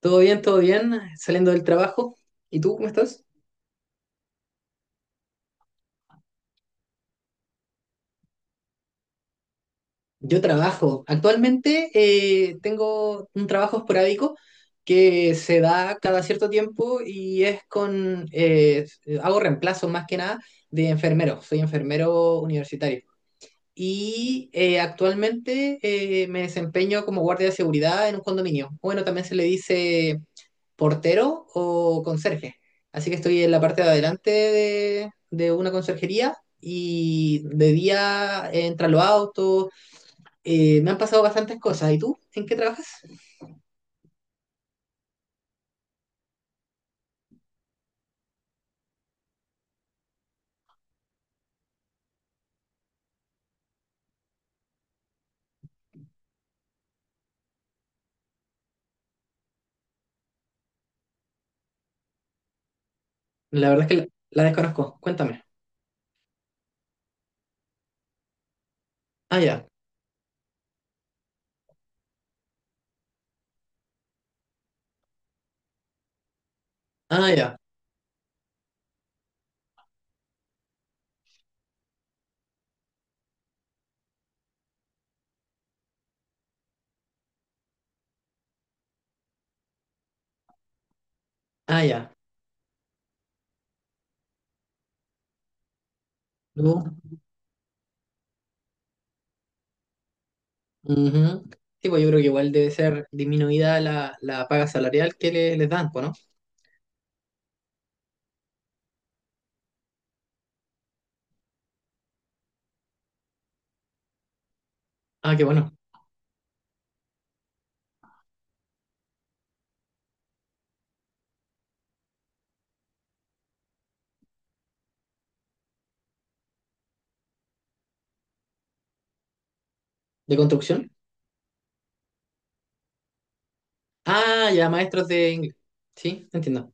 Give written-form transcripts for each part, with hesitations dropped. Todo bien, saliendo del trabajo. ¿Y tú cómo estás? Yo trabajo. Actualmente tengo un trabajo esporádico que se da cada cierto tiempo y es hago reemplazo más que nada de enfermero. Soy enfermero universitario. Y actualmente me desempeño como guardia de seguridad en un condominio. Bueno, también se le dice portero o conserje. Así que estoy en la parte de adelante de una conserjería y de día entran los autos. Me han pasado bastantes cosas. ¿Y tú? ¿En qué trabajas? La verdad es que la desconozco. Cuéntame. Ah, ya. Ah, ya. Ah, ya. Tú, ujú. Sí, pues yo creo que igual debe ser disminuida la paga salarial que les dan, pues, ¿no? Ah, qué bueno. ¿De construcción? Ah, ya, maestros de inglés. Sí, entiendo.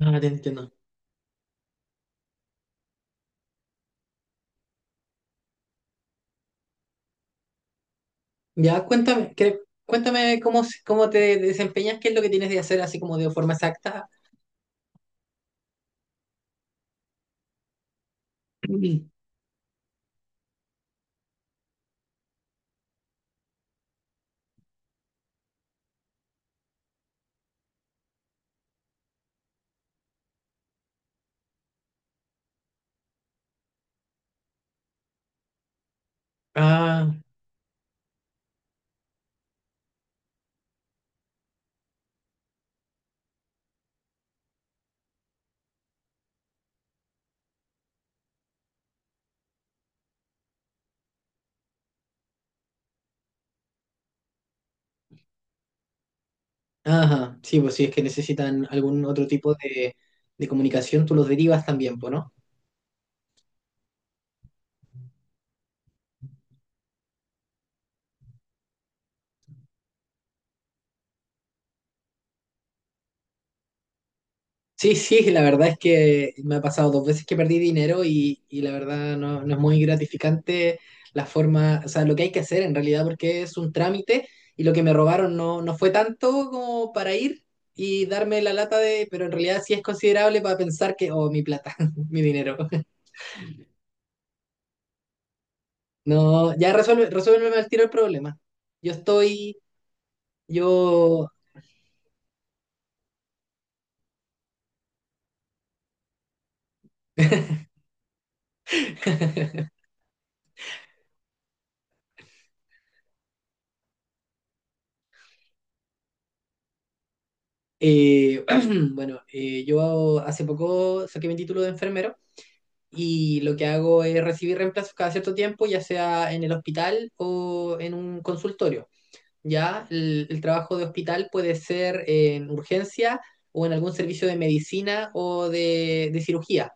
Ah, te entiendo. Ya, cuéntame, cuéntame cómo te desempeñas, qué es lo que tienes de hacer así como de forma exacta. Ah, ajá, sí, pues si es que necesitan algún otro tipo de comunicación, tú los derivas también, pues, ¿no? Sí, sí, la verdad es que me ha pasado dos veces que perdí dinero y la verdad no, no es muy gratificante la forma, o sea, lo que hay que hacer en realidad, porque es un trámite y lo que me robaron no, no fue tanto como para ir y darme la lata de, pero en realidad sí es considerable para pensar que, oh, mi plata, mi dinero. No, ya resuelve, resuélveme al tiro el problema. Yo estoy, yo, eh, bueno, yo hace poco saqué mi título de enfermero. Y lo que hago es recibir reemplazos cada cierto tiempo, ya sea en el hospital o en un consultorio. Ya el trabajo de hospital puede ser en urgencia o en algún servicio de medicina o de cirugía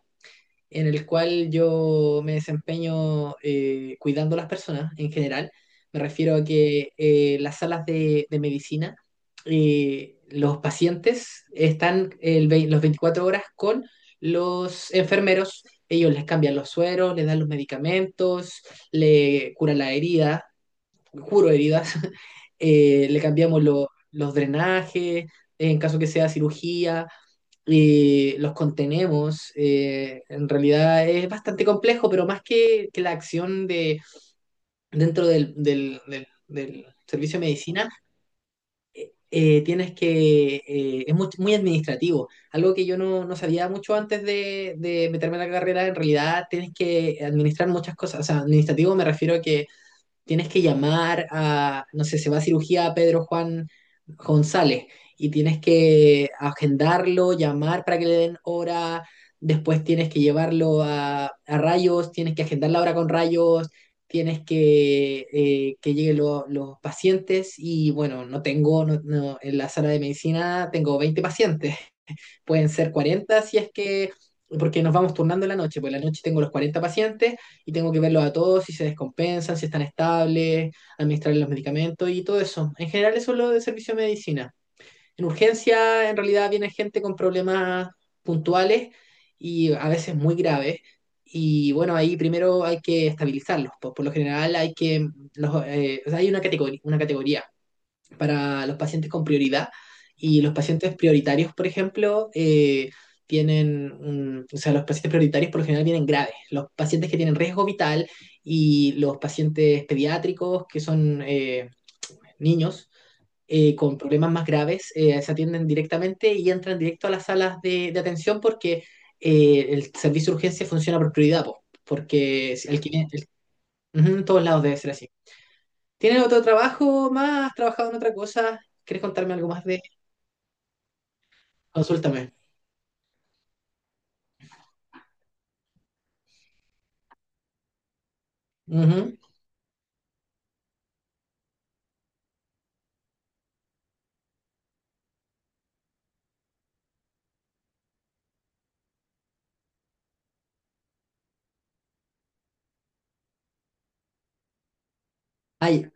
en el cual yo me desempeño cuidando a las personas en general. Me refiero a que las salas de medicina, los pacientes están los 24 horas con los enfermeros. Ellos les cambian los sueros, les dan los medicamentos, le curan la herida juro heridas, le cambiamos los drenajes, en caso que sea cirugía, los contenemos. En realidad es bastante complejo, pero más que la acción de, dentro del servicio de medicina, tienes que es muy, muy administrativo. Algo que yo no, no sabía mucho antes de meterme en la carrera, en realidad tienes que administrar muchas cosas. O sea, administrativo me refiero a que tienes que llamar a, no sé, se va a cirugía a Pedro Juan González y tienes que agendarlo, llamar para que le den hora, después tienes que llevarlo a rayos, tienes que agendar la hora con rayos, tienes que que lleguen los pacientes y bueno, no tengo, no, en la sala de medicina tengo 20 pacientes, pueden ser 40 si es que, porque nos vamos turnando en la noche, pues en la noche tengo los 40 pacientes y tengo que verlos a todos, si se descompensan, si están estables, administrarles los medicamentos y todo eso. En general eso es lo de servicio de medicina. En urgencia en realidad viene gente con problemas puntuales y a veces muy graves. Y bueno, ahí primero hay que estabilizarlos. Por lo general hay que, o sea, hay una categoría para los pacientes con prioridad. Y los pacientes prioritarios, por ejemplo, tienen, mm, o sea, los pacientes prioritarios por lo general vienen graves. Los pacientes que tienen riesgo vital y los pacientes pediátricos, que son niños con problemas más graves, se atienden directamente y entran directo a las salas de atención porque el servicio de urgencia funciona por prioridad, po, porque el que viene- el- ujú, en todos lados debe ser así. ¿Tienes otro trabajo más? ¿Has trabajado en otra cosa? ¿Quieres contarme algo más de? Consúltame. Ujú. Ay,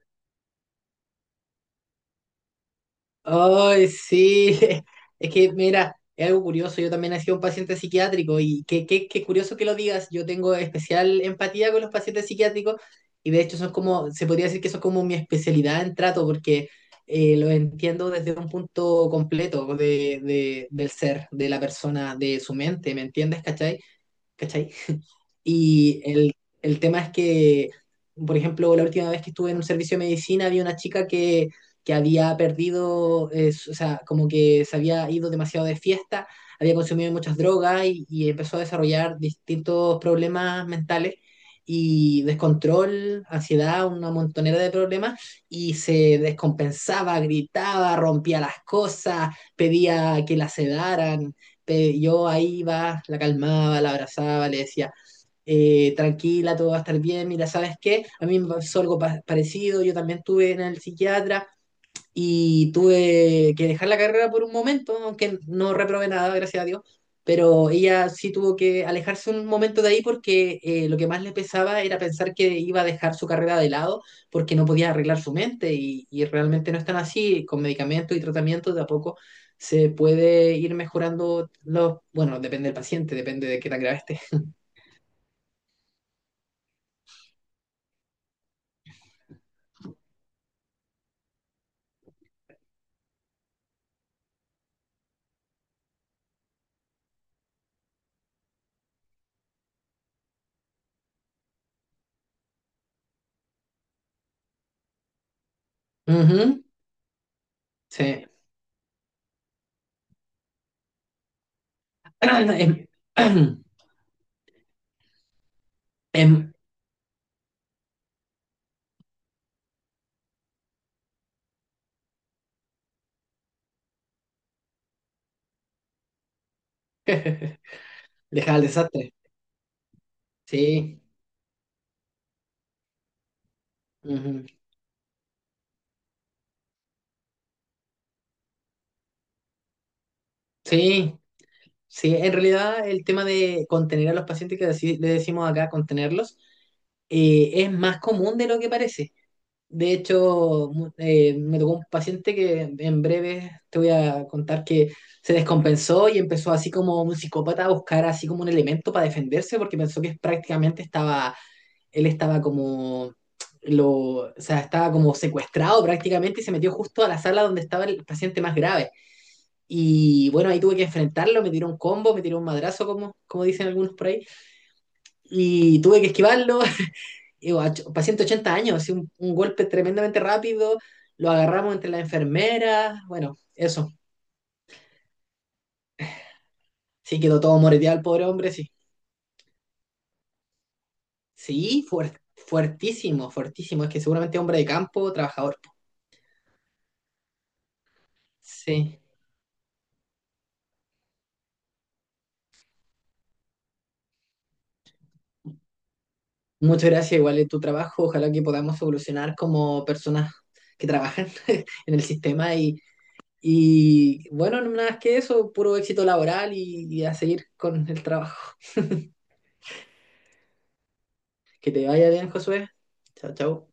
ay, sí. Es que, mira, es algo curioso. Yo también he sido un paciente psiquiátrico y qué, qué, qué curioso que lo digas. Yo tengo especial empatía con los pacientes psiquiátricos y de hecho son como, se podría decir que son como mi especialidad en trato porque lo entiendo desde un punto completo del ser, de la persona, de su mente. ¿Me entiendes? ¿Cachai? ¿Cachai? Y el tema es que, por ejemplo, la última vez que estuve en un servicio de medicina había una chica que había perdido, o sea, como que se había ido demasiado de fiesta, había consumido muchas drogas y empezó a desarrollar distintos problemas mentales y descontrol, ansiedad, una montonera de problemas y se descompensaba, gritaba, rompía las cosas, pedía que la sedaran. Yo ahí iba, la calmaba, la abrazaba, le decía, tranquila, todo va a estar bien, mira, ¿sabes qué? A mí me pasó algo parecido, yo también estuve en el psiquiatra y tuve que dejar la carrera por un momento, aunque no reprobé nada, gracias a Dios, pero ella sí tuvo que alejarse un momento de ahí porque lo que más le pesaba era pensar que iba a dejar su carrera de lado porque no podía arreglar su mente y realmente no es tan así, con medicamentos y tratamientos de a poco se puede ir mejorando los, bueno, depende del paciente, depende de qué tan grave esté. Ujú, sí. Em, em, Deja el desastre. Sí. Ujú. Sí. Sí. En realidad, el tema de contener a los pacientes, que así le decimos acá, contenerlos, es más común de lo que parece. De hecho, me tocó un paciente que en breve te voy a contar que se descompensó y empezó así como un psicópata a buscar así como un elemento para defenderse porque pensó que prácticamente estaba él estaba como, lo, o sea, estaba como secuestrado prácticamente y se metió justo a la sala donde estaba el paciente más grave. Y bueno, ahí tuve que enfrentarlo, me tiró un combo, me tiró un madrazo, como, como dicen algunos por ahí, y tuve que esquivarlo. Y bueno, paciente de 80 años, así un golpe tremendamente rápido, lo agarramos entre las enfermeras, bueno, eso. Sí, quedó todo moreteado el pobre hombre, sí. Sí, fuerte, fuertísimo, fuertísimo. Es que seguramente es hombre de campo, trabajador. Sí. Muchas gracias, igual es tu trabajo. Ojalá que podamos evolucionar como personas que trabajan en el sistema y bueno, no nada más que eso, puro éxito laboral y a seguir con el trabajo. Que te vaya bien, Josué. Chao, chao.